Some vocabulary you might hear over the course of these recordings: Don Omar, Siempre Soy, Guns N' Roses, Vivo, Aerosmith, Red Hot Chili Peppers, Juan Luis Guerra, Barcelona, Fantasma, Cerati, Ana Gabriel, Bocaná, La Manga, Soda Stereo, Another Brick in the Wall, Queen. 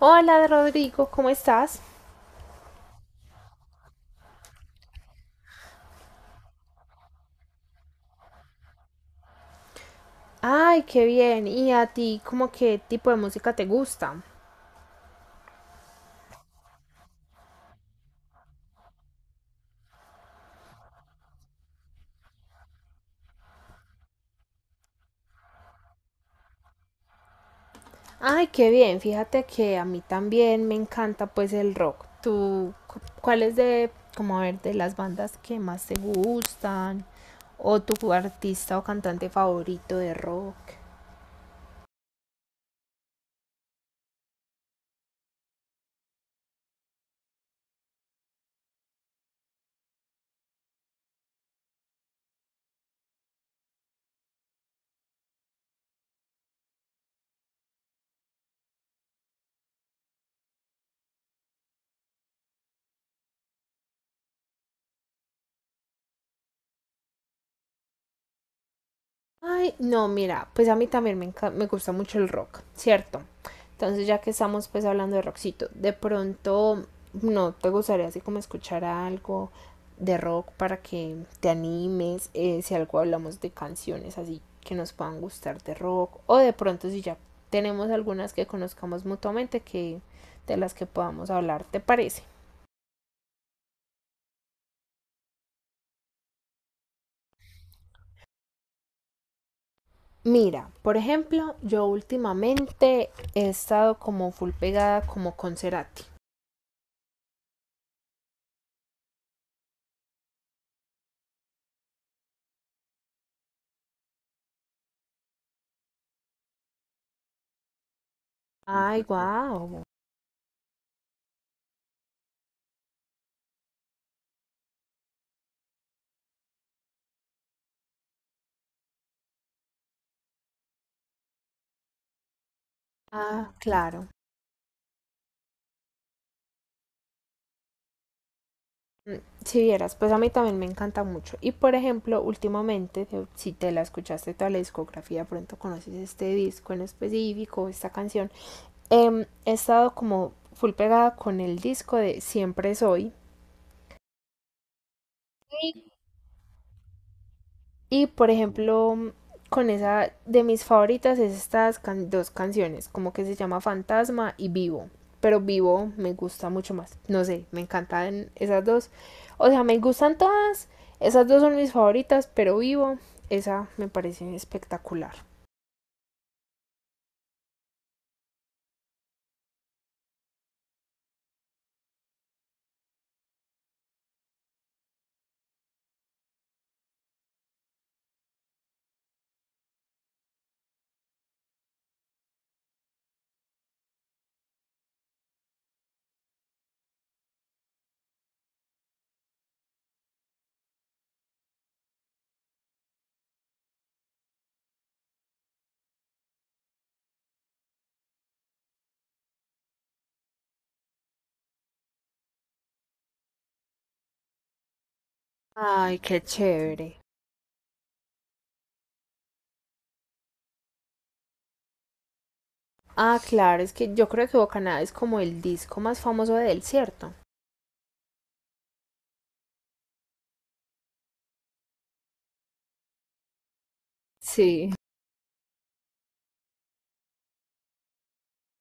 Hola Rodrigo, ¿cómo estás? Ay, qué bien. ¿Y a ti, como qué tipo de música te gusta? Ay, qué bien. Fíjate que a mí también me encanta pues el rock. ¿Tú cuál es de, como a ver, de las bandas que más te gustan? ¿O tu artista o cantante favorito de rock? Ay, no, mira, pues a mí también me gusta mucho el rock, ¿cierto? Entonces, ya que estamos pues hablando de rockcito, de pronto, ¿no te gustaría así como escuchar algo de rock para que te animes? Si algo hablamos de canciones así que nos puedan gustar de rock, o de pronto si ya tenemos algunas que conozcamos mutuamente que de las que podamos hablar, ¿te parece? Mira, por ejemplo, yo últimamente he estado como full pegada como con Cerati. Ay, guau. Ah, claro. Mm, si vieras, pues a mí también me encanta mucho. Y por ejemplo, últimamente, si te la escuchaste toda la discografía, pronto conoces este disco en específico, esta canción. He estado como full pegada con el disco de Siempre Soy. Y por ejemplo, con esa de mis favoritas es dos canciones, como que se llama Fantasma y Vivo. Pero Vivo me gusta mucho más. No sé, me encantan esas dos. O sea, me gustan todas. Esas dos son mis favoritas, pero Vivo, esa me parece espectacular. Ay, qué chévere. Ah, claro, es que yo creo que Bocaná es como el disco más famoso de él, ¿cierto? Sí.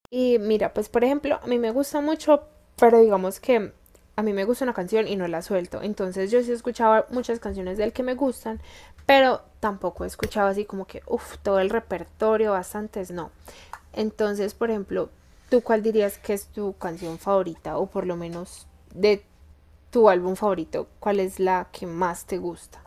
Y mira, pues por ejemplo, a mí me gusta mucho, pero digamos que a mí me gusta una canción y no la suelto. Entonces yo sí escuchaba muchas canciones de él que me gustan, pero tampoco he escuchado así como que, uff, todo el repertorio, bastantes no. Entonces, por ejemplo, ¿tú cuál dirías que es tu canción favorita o por lo menos de tu álbum favorito? ¿Cuál es la que más te gusta?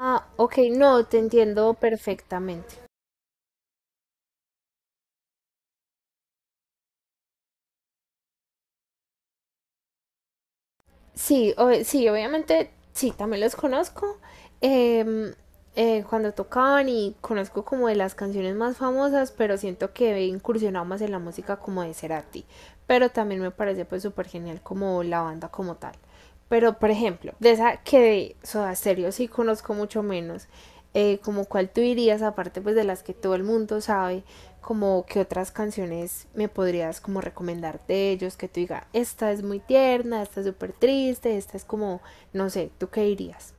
Ah, ok, no, te entiendo perfectamente. Sí, sí, obviamente, sí, también los conozco. Em, cuando tocaban y conozco como de las canciones más famosas, pero siento que he incursionado más en la música como de Cerati. Pero también me parece pues súper genial como la banda como tal. Pero, por ejemplo, de esa que de Soda Stereo sí conozco mucho menos, como cuál tú dirías, aparte pues de las que todo el mundo sabe, como qué otras canciones me podrías como recomendar de ellos, que tú digas, esta es muy tierna, esta es súper triste, esta es como, no sé, ¿tú qué dirías?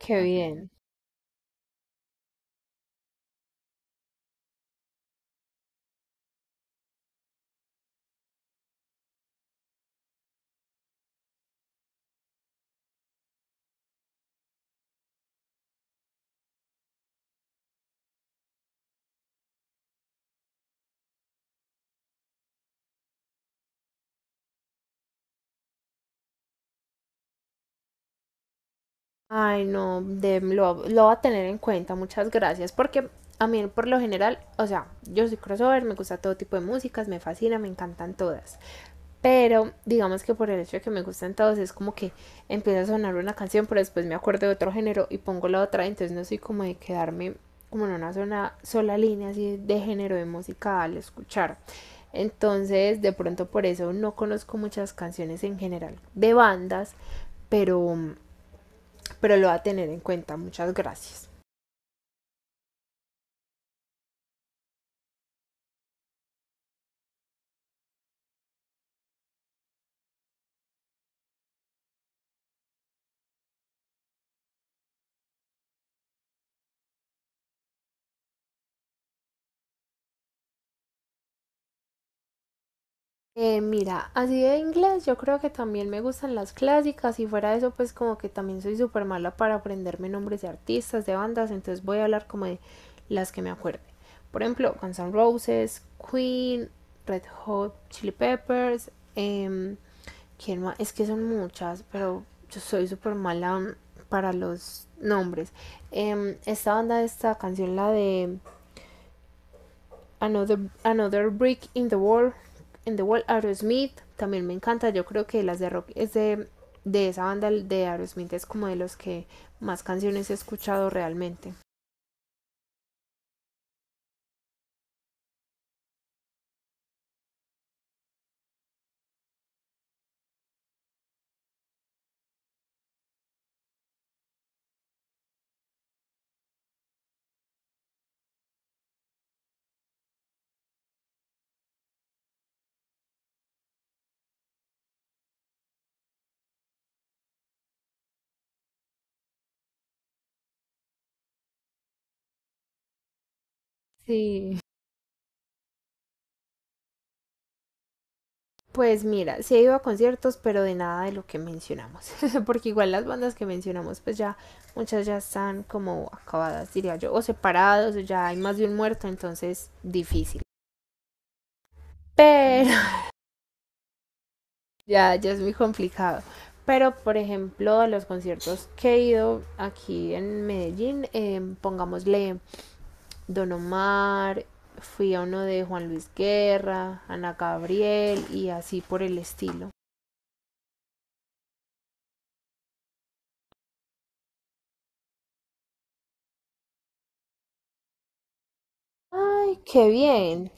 Qué bien. Ay, no, lo voy a tener en cuenta, muchas gracias, porque a mí por lo general, o sea, yo soy crossover, me gusta todo tipo de músicas, me fascina, me encantan todas. Pero digamos que por el hecho de que me gustan todos, es como que empieza a sonar una canción, pero después me acuerdo de otro género y pongo la otra, entonces no soy como de quedarme como en sola línea así de género de música al escuchar. Entonces, de pronto por eso no conozco muchas canciones en general de bandas, pero lo va a tener en cuenta. Muchas gracias. Mira, así de inglés yo creo que también me gustan las clásicas y fuera de eso pues como que también soy súper mala para aprenderme nombres de artistas, de bandas, entonces voy a hablar como de las que me acuerde. Por ejemplo, Guns N' Roses, Queen, Red Hot Chili Peppers, em, ¿quién más? Es que son muchas, pero yo soy súper mala para los nombres. Em, esta banda, esta canción, la de Another Brick in the Wall, Aerosmith, también me encanta, yo creo que las de rock es de esa banda de Aerosmith, es como de los que más canciones he escuchado realmente. Sí. Pues mira, sí he ido a conciertos, pero de nada de lo que mencionamos, porque igual las bandas que mencionamos, pues ya muchas ya están como acabadas, diría yo, o separados, o ya hay más de un muerto, entonces difícil. Pero ya, ya es muy complicado. Pero, por ejemplo, a los conciertos que he ido aquí en Medellín, pongámosle Don Omar, fui a uno de Juan Luis Guerra, Ana Gabriel y así por el estilo. Ay, qué bien.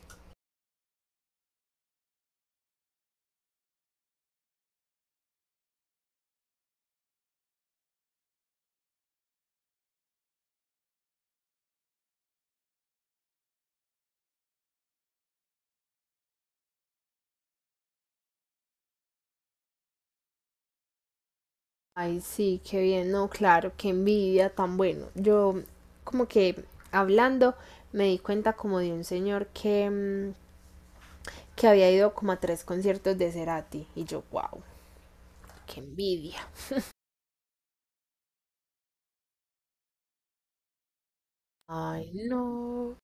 Ay, sí, qué bien. No, claro, qué envidia tan bueno. Yo, como que hablando, me di cuenta como de un señor que, que había ido como a tres conciertos de Cerati y yo, wow, qué envidia. Ay, no.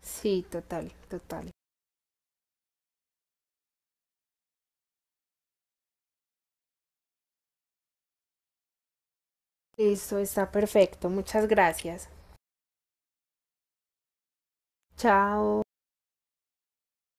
Sí, total, total. Listo, está perfecto. Muchas gracias. Chao.